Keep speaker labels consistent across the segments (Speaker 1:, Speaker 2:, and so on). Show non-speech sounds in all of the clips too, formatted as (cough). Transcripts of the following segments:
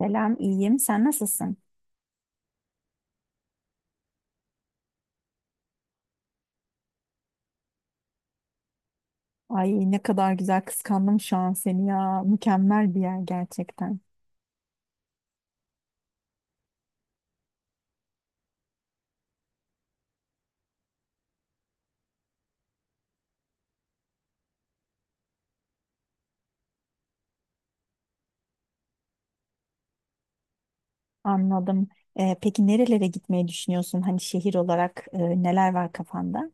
Speaker 1: Selam, iyiyim. Sen nasılsın? Ay ne kadar güzel kıskandım şu an seni ya. Mükemmel bir yer gerçekten. Anladım. Peki nerelere gitmeyi düşünüyorsun? Hani şehir olarak neler var kafanda?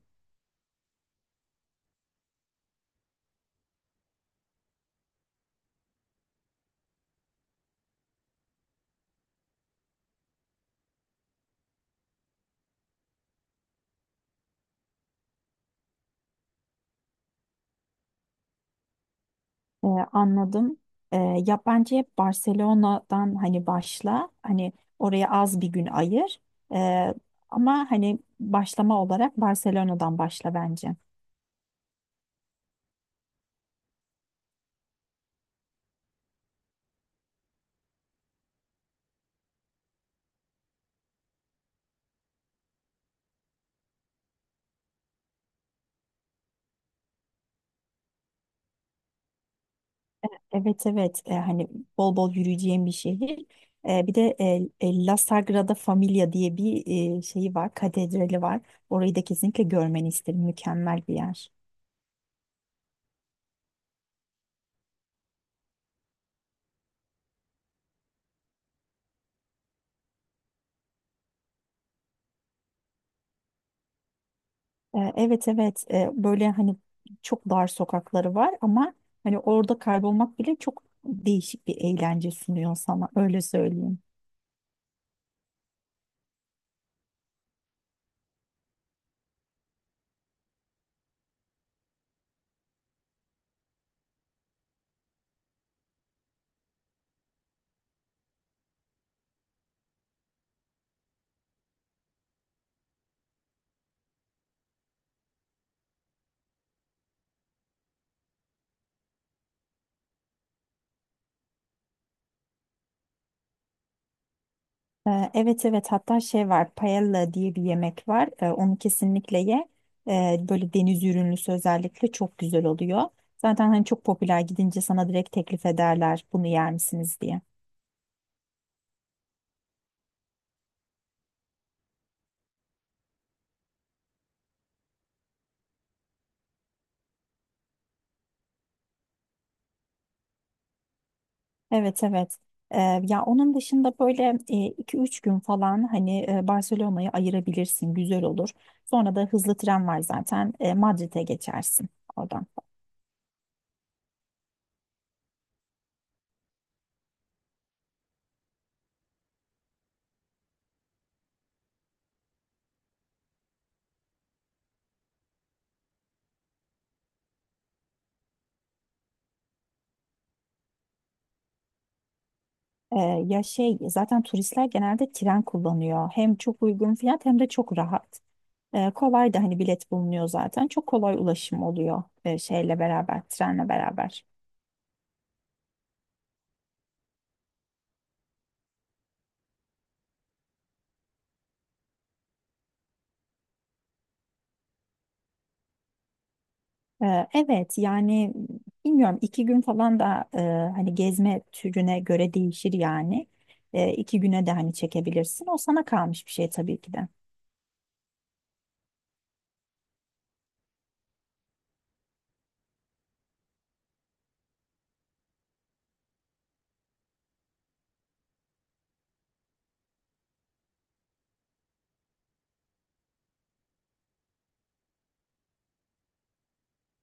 Speaker 1: Anladım. Ee, ya bence hep Barcelona'dan hani başla. Hani oraya az bir gün ayır. Ee, Ama hani başlama olarak Barcelona'dan başla bence. Evet, evet, hani bol bol yürüyeceğim bir şehir. Bir de La Sagrada Familia diye bir şeyi var, katedrali var. Orayı da kesinlikle görmeni isterim. Mükemmel bir yer. Evet, evet, böyle hani çok dar sokakları var ama hani orada kaybolmak bile çok değişik bir eğlence sunuyor sana, öyle söyleyeyim. Evet, evet, hatta şey var, paella diye bir yemek var. Onu kesinlikle ye. Böyle deniz ürünlüsü özellikle çok güzel oluyor, zaten hani çok popüler, gidince sana direkt teklif ederler, bunu yer misiniz diye. Evet, evet. Ee, ya onun dışında böyle iki üç gün falan hani Barcelona'yı ayırabilirsin. Güzel olur. Sonra da hızlı tren var zaten. Madrid'e geçersin oradan. Ee, ya şey, zaten turistler genelde tren kullanıyor. Hem çok uygun fiyat hem de çok rahat. Kolay da hani bilet bulunuyor zaten. Çok kolay ulaşım oluyor şeyle beraber, trenle beraber. Evet yani, bilmiyorum, iki gün falan da hani gezme türüne göre değişir yani. İki güne de hani çekebilirsin. O sana kalmış bir şey tabii ki de.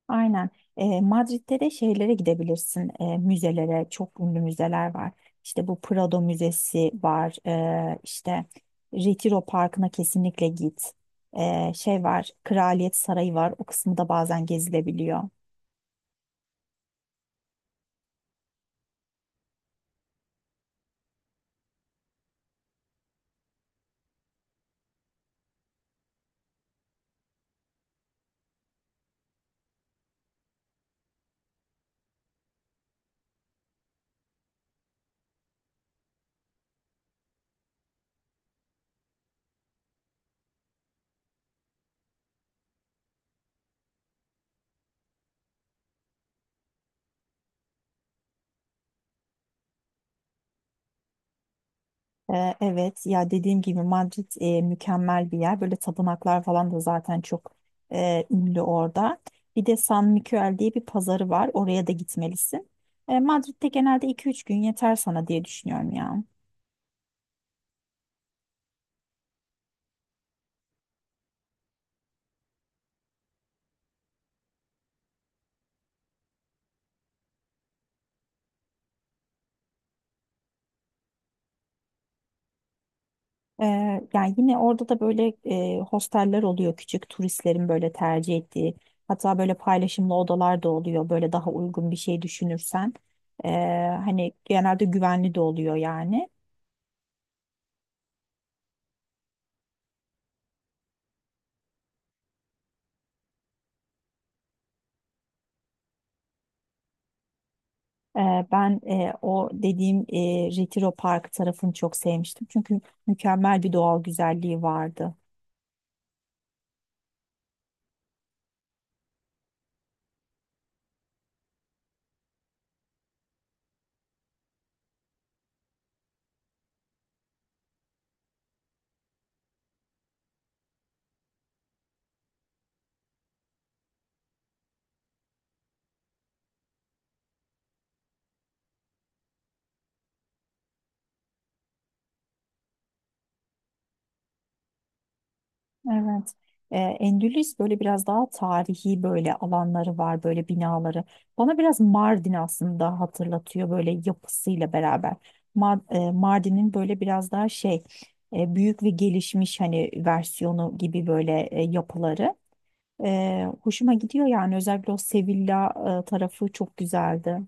Speaker 1: Aynen. Madrid'de de şeylere gidebilirsin. Müzelere, çok ünlü müzeler var. İşte bu Prado Müzesi var. İşte Retiro Parkı'na kesinlikle git. Şey var, Kraliyet Sarayı var. O kısmı da bazen gezilebiliyor. Evet, ya dediğim gibi Madrid mükemmel bir yer. Böyle tapınaklar falan da zaten çok ünlü orada. Bir de San Miguel diye bir pazarı var. Oraya da gitmelisin. Madrid'de genelde iki üç gün yeter sana diye düşünüyorum ya. Yani yine orada da böyle hosteller oluyor, küçük turistlerin böyle tercih ettiği. Hatta böyle paylaşımlı odalar da oluyor, böyle daha uygun bir şey düşünürsen. Ee, Hani genelde güvenli de oluyor yani. Ben o dediğim Retiro Park tarafını çok sevmiştim. Çünkü mükemmel bir doğal güzelliği vardı. Evet. Endülüs böyle biraz daha tarihi, böyle alanları var, böyle binaları. Bana biraz Mardin aslında hatırlatıyor böyle yapısıyla beraber. Mardin'in böyle biraz daha şey, büyük ve gelişmiş hani versiyonu gibi böyle yapıları. Hoşuma gidiyor yani, özellikle o Sevilla tarafı çok güzeldi.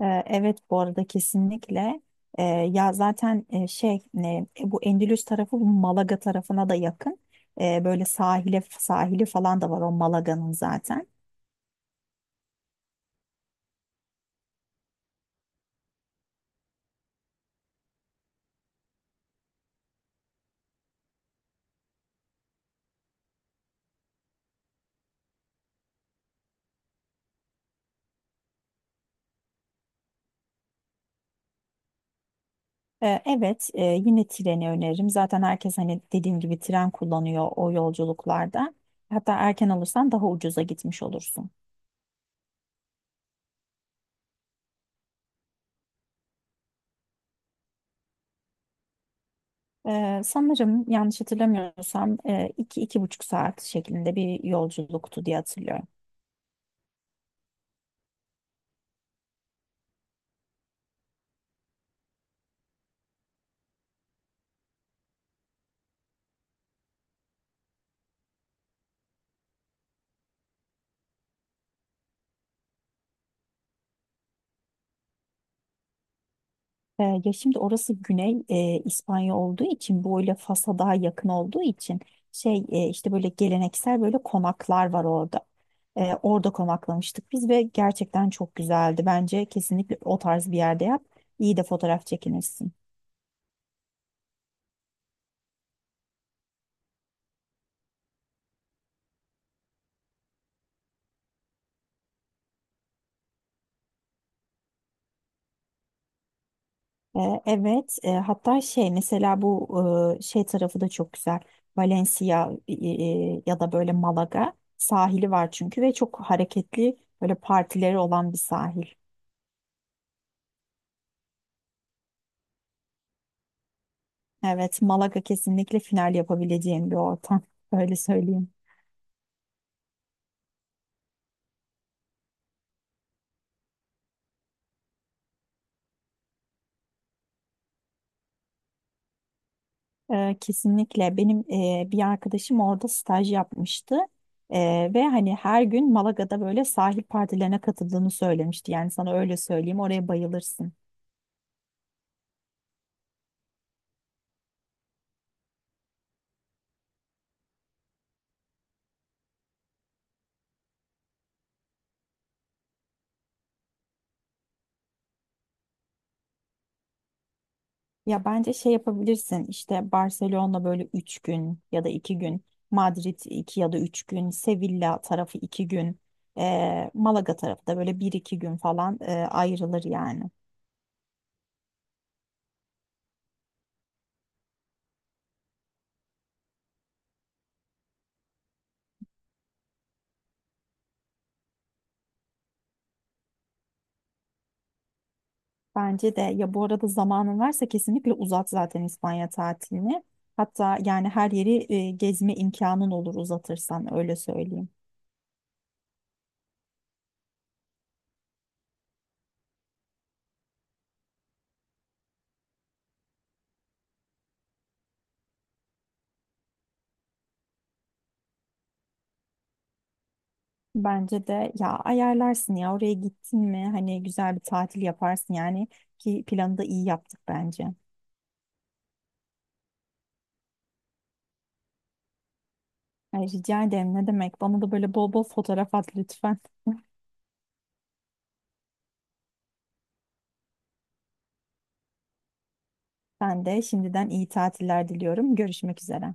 Speaker 1: Evet, bu arada kesinlikle. Ya zaten şey ne, bu Endülüs tarafı bu Malaga tarafına da yakın. Böyle sahili falan da var o Malaga'nın zaten. Evet, yine treni öneririm. Zaten herkes hani dediğim gibi tren kullanıyor o yolculuklarda. Hatta erken alırsan daha ucuza gitmiş olursun. Sanırım yanlış hatırlamıyorsam iki iki buçuk saat şeklinde bir yolculuktu diye hatırlıyorum. Ya şimdi orası Güney İspanya olduğu için, böyle Fas'a daha yakın olduğu için şey, işte böyle geleneksel böyle konaklar var orada. Orada konaklamıştık biz ve gerçekten çok güzeldi. Bence kesinlikle o tarz bir yerde yap. İyi de fotoğraf çekinirsin. Evet, hatta şey mesela bu şey tarafı da çok güzel. Valencia ya da böyle Malaga sahili var, çünkü ve çok hareketli böyle partileri olan bir sahil. Evet, Malaga kesinlikle final yapabileceğim bir ortam. (laughs) Öyle söyleyeyim. Kesinlikle benim bir arkadaşım orada staj yapmıştı. Ve hani her gün Malaga'da böyle sahil partilerine katıldığını söylemişti. Yani sana öyle söyleyeyim, oraya bayılırsın. Ya bence şey yapabilirsin, işte Barcelona böyle 3 gün ya da iki gün, Madrid 2 ya da 3 gün, Sevilla tarafı 2 gün, Malaga tarafı da böyle bir 2 gün falan ayrılır yani. Bence de, ya bu arada zamanın varsa kesinlikle uzat zaten İspanya tatilini. Hatta yani her yeri gezme imkanın olur uzatırsan, öyle söyleyeyim. Bence de ya, ayarlarsın ya, oraya gittin mi hani güzel bir tatil yaparsın yani, ki planı da iyi yaptık bence. Ay, rica ederim, ne demek, bana da böyle bol bol fotoğraf at lütfen. (laughs) Ben de şimdiden iyi tatiller diliyorum. Görüşmek üzere.